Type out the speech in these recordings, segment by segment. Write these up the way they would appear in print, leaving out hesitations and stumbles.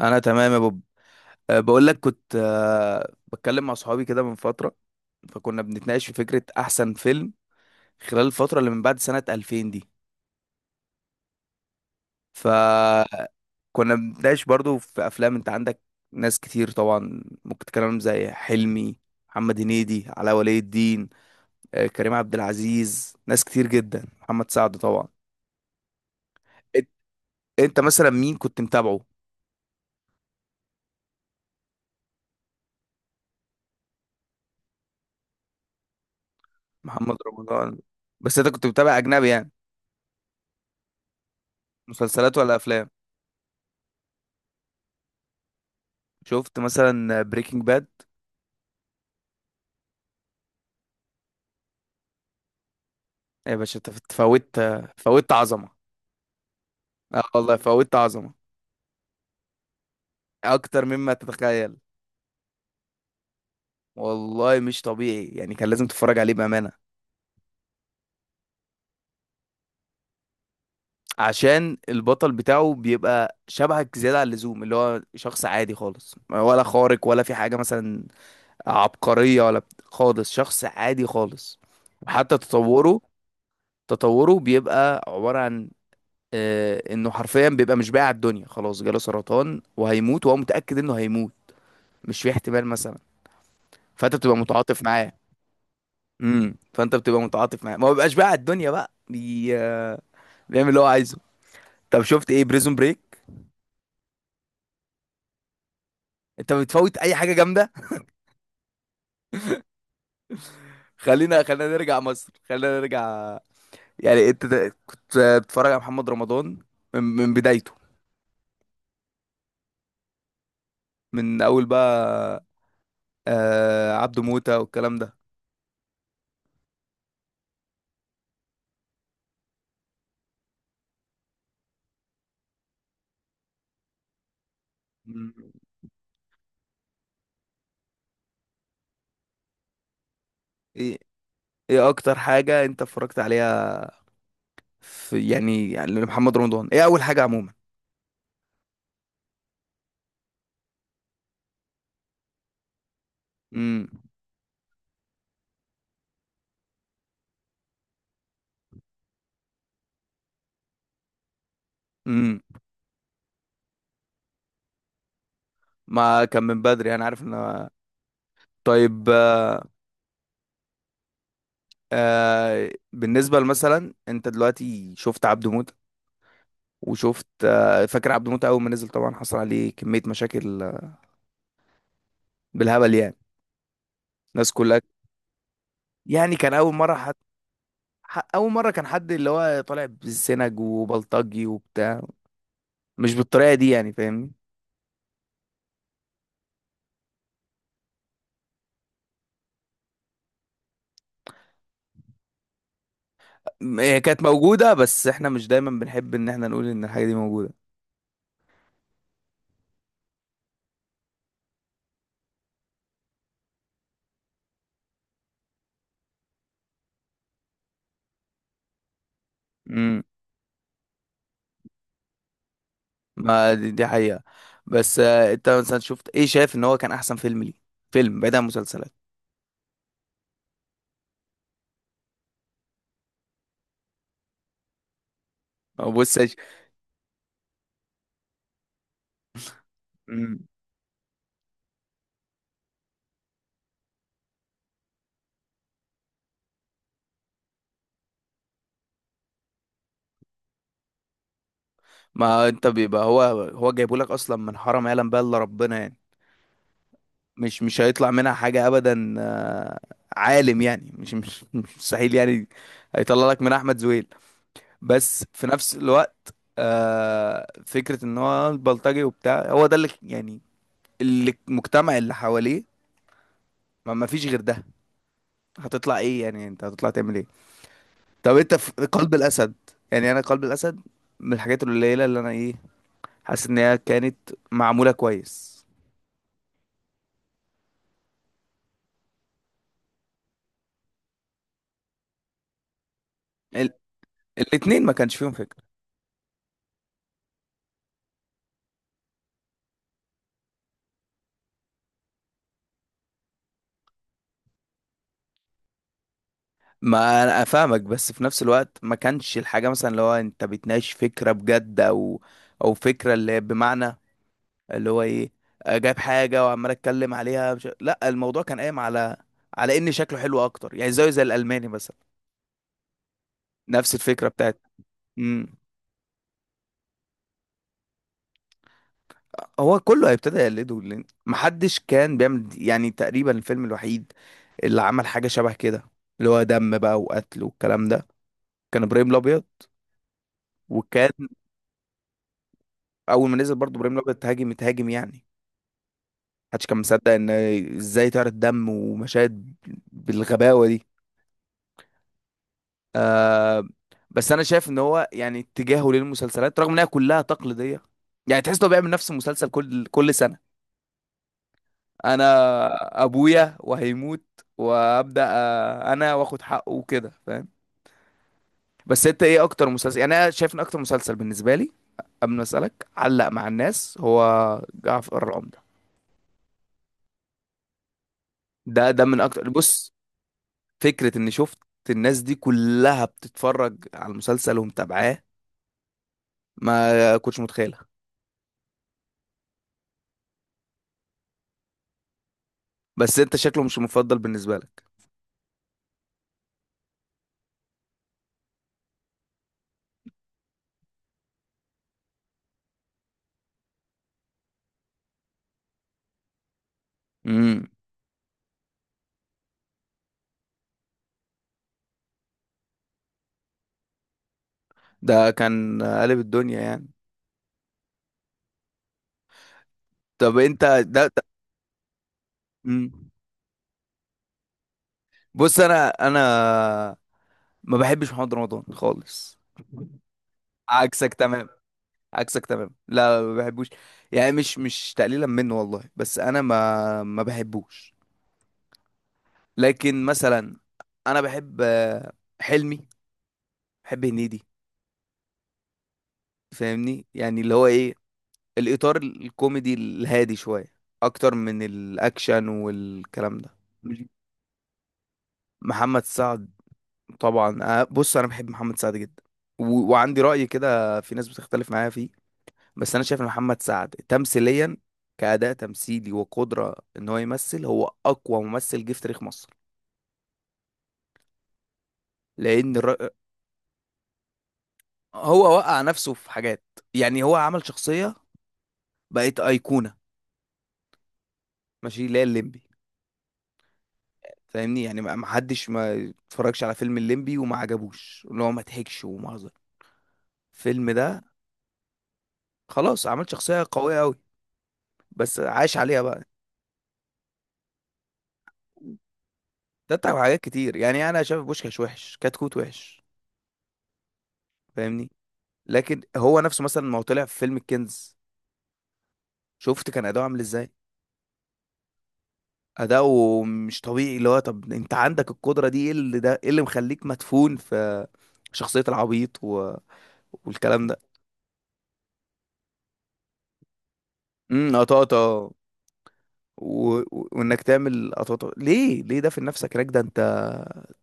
انا تمام يا بوب. بقول لك كنت، بتكلم مع صحابي كده من فتره، فكنا بنتناقش في فكره احسن فيلم خلال الفتره اللي من بعد سنه 2000 دي. فكنا بنتناقش برضو في افلام. انت عندك ناس كتير طبعا ممكن تتكلم زي حلمي، محمد هنيدي، علاء ولي الدين، كريم عبد العزيز، ناس كتير جدا، محمد سعد طبعا. إت- انت مثلا مين كنت متابعه؟ محمد رمضان؟ بس انت كنت متابع اجنبي يعني؟ مسلسلات ولا افلام؟ شفت مثلا بريكنج باد؟ يا باشا انت فوتت. فوتت عظمة. اه والله فوتت عظمة اكتر مما تتخيل. والله مش طبيعي يعني، كان لازم تتفرج عليه بأمانة. عشان البطل بتاعه بيبقى شبهك زيادة عن اللزوم، اللي هو شخص عادي خالص، ولا خارق ولا في حاجة مثلا عبقرية، ولا خالص شخص عادي خالص. وحتى تطوره بيبقى عبارة عن، انه حرفيا بيبقى مش بايع الدنيا، خلاص جاله سرطان وهيموت، وهو متأكد انه هيموت، مش في احتمال مثلا. فانت بتبقى متعاطف معاه. فانت بتبقى متعاطف معاه، ما بيبقاش بقى على الدنيا بقى بي... بيعمل اللي هو عايزه. طب شفت ايه بريزون بريك؟ انت بتفوت اي حاجه جامده. خلينا نرجع مصر، خلينا نرجع. يعني انت كنت، بتتفرج على محمد رمضان من بدايته؟ من اول بقى، عبده موتة والكلام ده؟ مم. ايه ايه اكتر حاجه انت اتفرجت عليها في، يعني محمد رمضان، ايه اول حاجه عموما؟ امم امم ما كان من بدري، انا عارف ان. طيب، بالنسبة مثلا انت دلوقتي شفت عبده موتة. وشفت، فاكر عبده موتة اول ما نزل طبعا، حصل عليه كمية مشاكل، بالهبل يعني. الناس كلها، يعني كان اول مرة حد، اول مرة كان حد اللي هو طالع بالسنج وبلطجي وبتاع، مش بالطريقة دي يعني، فاهمني. هي كانت موجودة، بس احنا مش دايما بنحب ان احنا نقول ان الحاجة دي موجودة. امم ما دي حقيقة. بس انت مثلا شفت ايه شايف ان هو كان احسن فيلم ليه؟ فيلم بعيد عن مسلسلات. ما بص يا. ش- ما انت بيبقى هو، هو جايبه لك اصلا من حرم يعلم بقى الا ربنا يعني. مش هيطلع منها حاجه ابدا، عالم يعني. مش مش مستحيل يعني هيطلع لك من احمد زويل. بس في نفس الوقت، فكره ان هو البلطجي وبتاع هو ده اللي يعني، اللي المجتمع اللي حواليه ما فيش غير ده، هتطلع ايه يعني، انت هتطلع تعمل ايه؟ طب انت في قلب الاسد، يعني انا قلب الاسد من الحاجات القليله اللي انا ايه، حاسس ان هي كانت معموله كويس. الاتنين ما كانش فيهم فكرة. ما انا افهمك، بس في نفس الوقت ما كانش الحاجة مثلا اللي هو انت بتناقش فكرة بجد، او فكرة اللي هي بمعنى اللي هو ايه، جايب حاجة وعمال اتكلم عليها مش... لا الموضوع كان قايم على ان شكله حلو اكتر يعني، زيه زي الالماني مثلا، نفس الفكرة بتاعت. امم هو كله هيبتدى يقلده لأن محدش كان بيعمل. يعني تقريبا الفيلم الوحيد اللي عمل حاجة شبه كده، اللي هو دم بقى وقتل والكلام ده، كان ابراهيم الابيض. وكان اول ما نزل برضه ابراهيم الابيض تهاجم تهاجم يعني، محدش كان مصدق ان ازاي طار الدم ومشاهد بالغباوه دي. بس انا شايف ان هو يعني اتجاهه للمسلسلات رغم انها كلها تقليديه، يعني تحس انه بيعمل نفس المسلسل كل سنه. انا ابويا وهيموت وابدا، انا واخد حقه وكده، فاهم. بس انت ايه اكتر مسلسل؟ يعني انا شايف ان اكتر مسلسل بالنسبه لي قبل ما اسالك علق مع الناس هو جعفر العمدة. ده من اكتر، بص، فكرة اني شفت الناس دي كلها بتتفرج على المسلسل ومتابعاه، ما كنتش متخيلها. بس انت شكله مش المفضل بالنسبة لك. امم ده كان قالب الدنيا يعني. طب انت ده, ده مم. بص انا ما بحبش محمد رمضان خالص. عكسك تمام، عكسك تمام، لا ما بحبوش. يعني مش تقليلا منه والله، بس انا ما بحبوش. لكن مثلا انا بحب، حلمي، بحب هنيدي، فاهمني، يعني اللي هو ايه، الاطار الكوميدي الهادي شويه اكتر من الاكشن والكلام ده. محمد سعد طبعا. بص انا بحب محمد سعد جدا، و... وعندي رأي كده في ناس بتختلف معايا فيه. بس انا شايف ان محمد سعد تمثيليا، كأداء تمثيلي وقدرة ان هو يمثل، هو اقوى ممثل جه في تاريخ مصر. لان الر... هو وقع نفسه في حاجات، يعني هو عمل شخصية بقت أيقونة، ماشي، اللي هي الليمبي. فاهمني يعني، ما حدش ما اتفرجش على فيلم الليمبي وما عجبوش، اللي هو ما ضحكش ومهزر الفيلم ده. خلاص، عمل شخصية قوية أوي، بس عاش عليها بقى. ده بتاع حاجات كتير، يعني أنا شايف بوشكاش وحش، كتكوت وحش، فاهمني. لكن هو نفسه مثلا ما هو طلع في فيلم الكنز، شفت كان أداؤه عامل إزاي؟ أداؤه مش طبيعي، اللي هو طب أنت عندك القدرة دي، إيه اللي، ده إيه اللي مخليك مدفون في شخصية العبيط و... والكلام ده. قطاطة. و... وانك تعمل اطوات، ليه ده في نفسك هناك، ده انت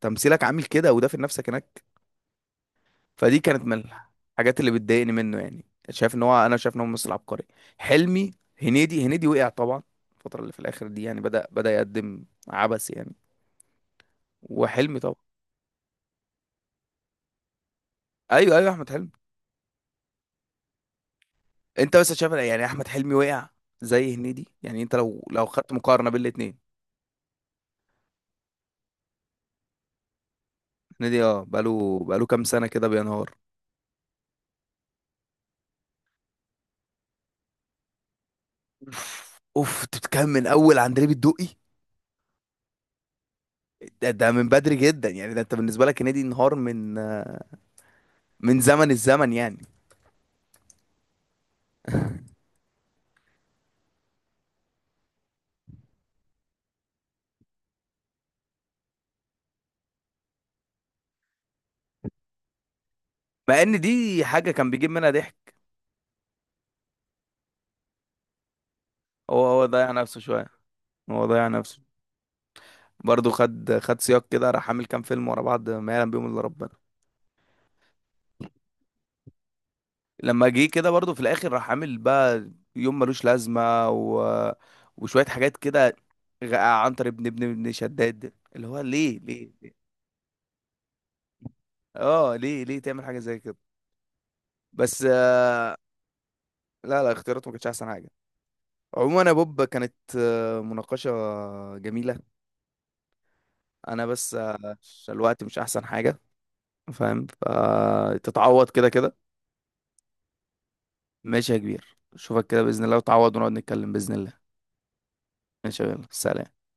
تمثيلك عامل كده، وده في نفسك هناك. فدي كانت من الحاجات اللي بتضايقني منه، يعني شايف ان هو، انا شايف ان هو ممثل عبقري، حلمي. هنيدي وقع طبعا الفتره اللي في الاخر دي، يعني بدأ يقدم عبث يعني. وحلمي طبعا. ايوه، ايوه، احمد حلمي. انت بس شايف يعني احمد حلمي وقع زي هنيدي يعني؟ انت لو خدت مقارنه بين الاتنين. هنيدي، بقاله كام سنه كده بينهار. اوف، اوف، انت بتتكلم من اول عندليب الدقي؟ ده من بدري جدا يعني، ده انت بالنسبه لك هنيدي انهار من زمن الزمن يعني. مع ان دي حاجه كان بيجيب منها ضحك. هو ضيع نفسه شويه. هو ضيع نفسه برضه. خد سياق كده، راح عامل كام فيلم ورا بعض ما يعلم بيهم الا ربنا. لما جه كده برضه في الاخر راح عامل بقى يوم ملوش لازمه و... وشويه حاجات كده، عنتر ابن ابن شداد اللي هو، ليه؟ اه، ليه تعمل حاجه زي كده؟ بس، لا لا، اختياراته ما كانتش احسن حاجه. عموما يا بوب كانت، مناقشة جميلة. أنا بس، الوقت مش أحسن حاجة، فاهم، فتتعوض كده كده. ماشي يا كبير، أشوفك كده بإذن الله، وتعوض ونقعد نتكلم بإذن الله. ماشي يا بيلا. سلام.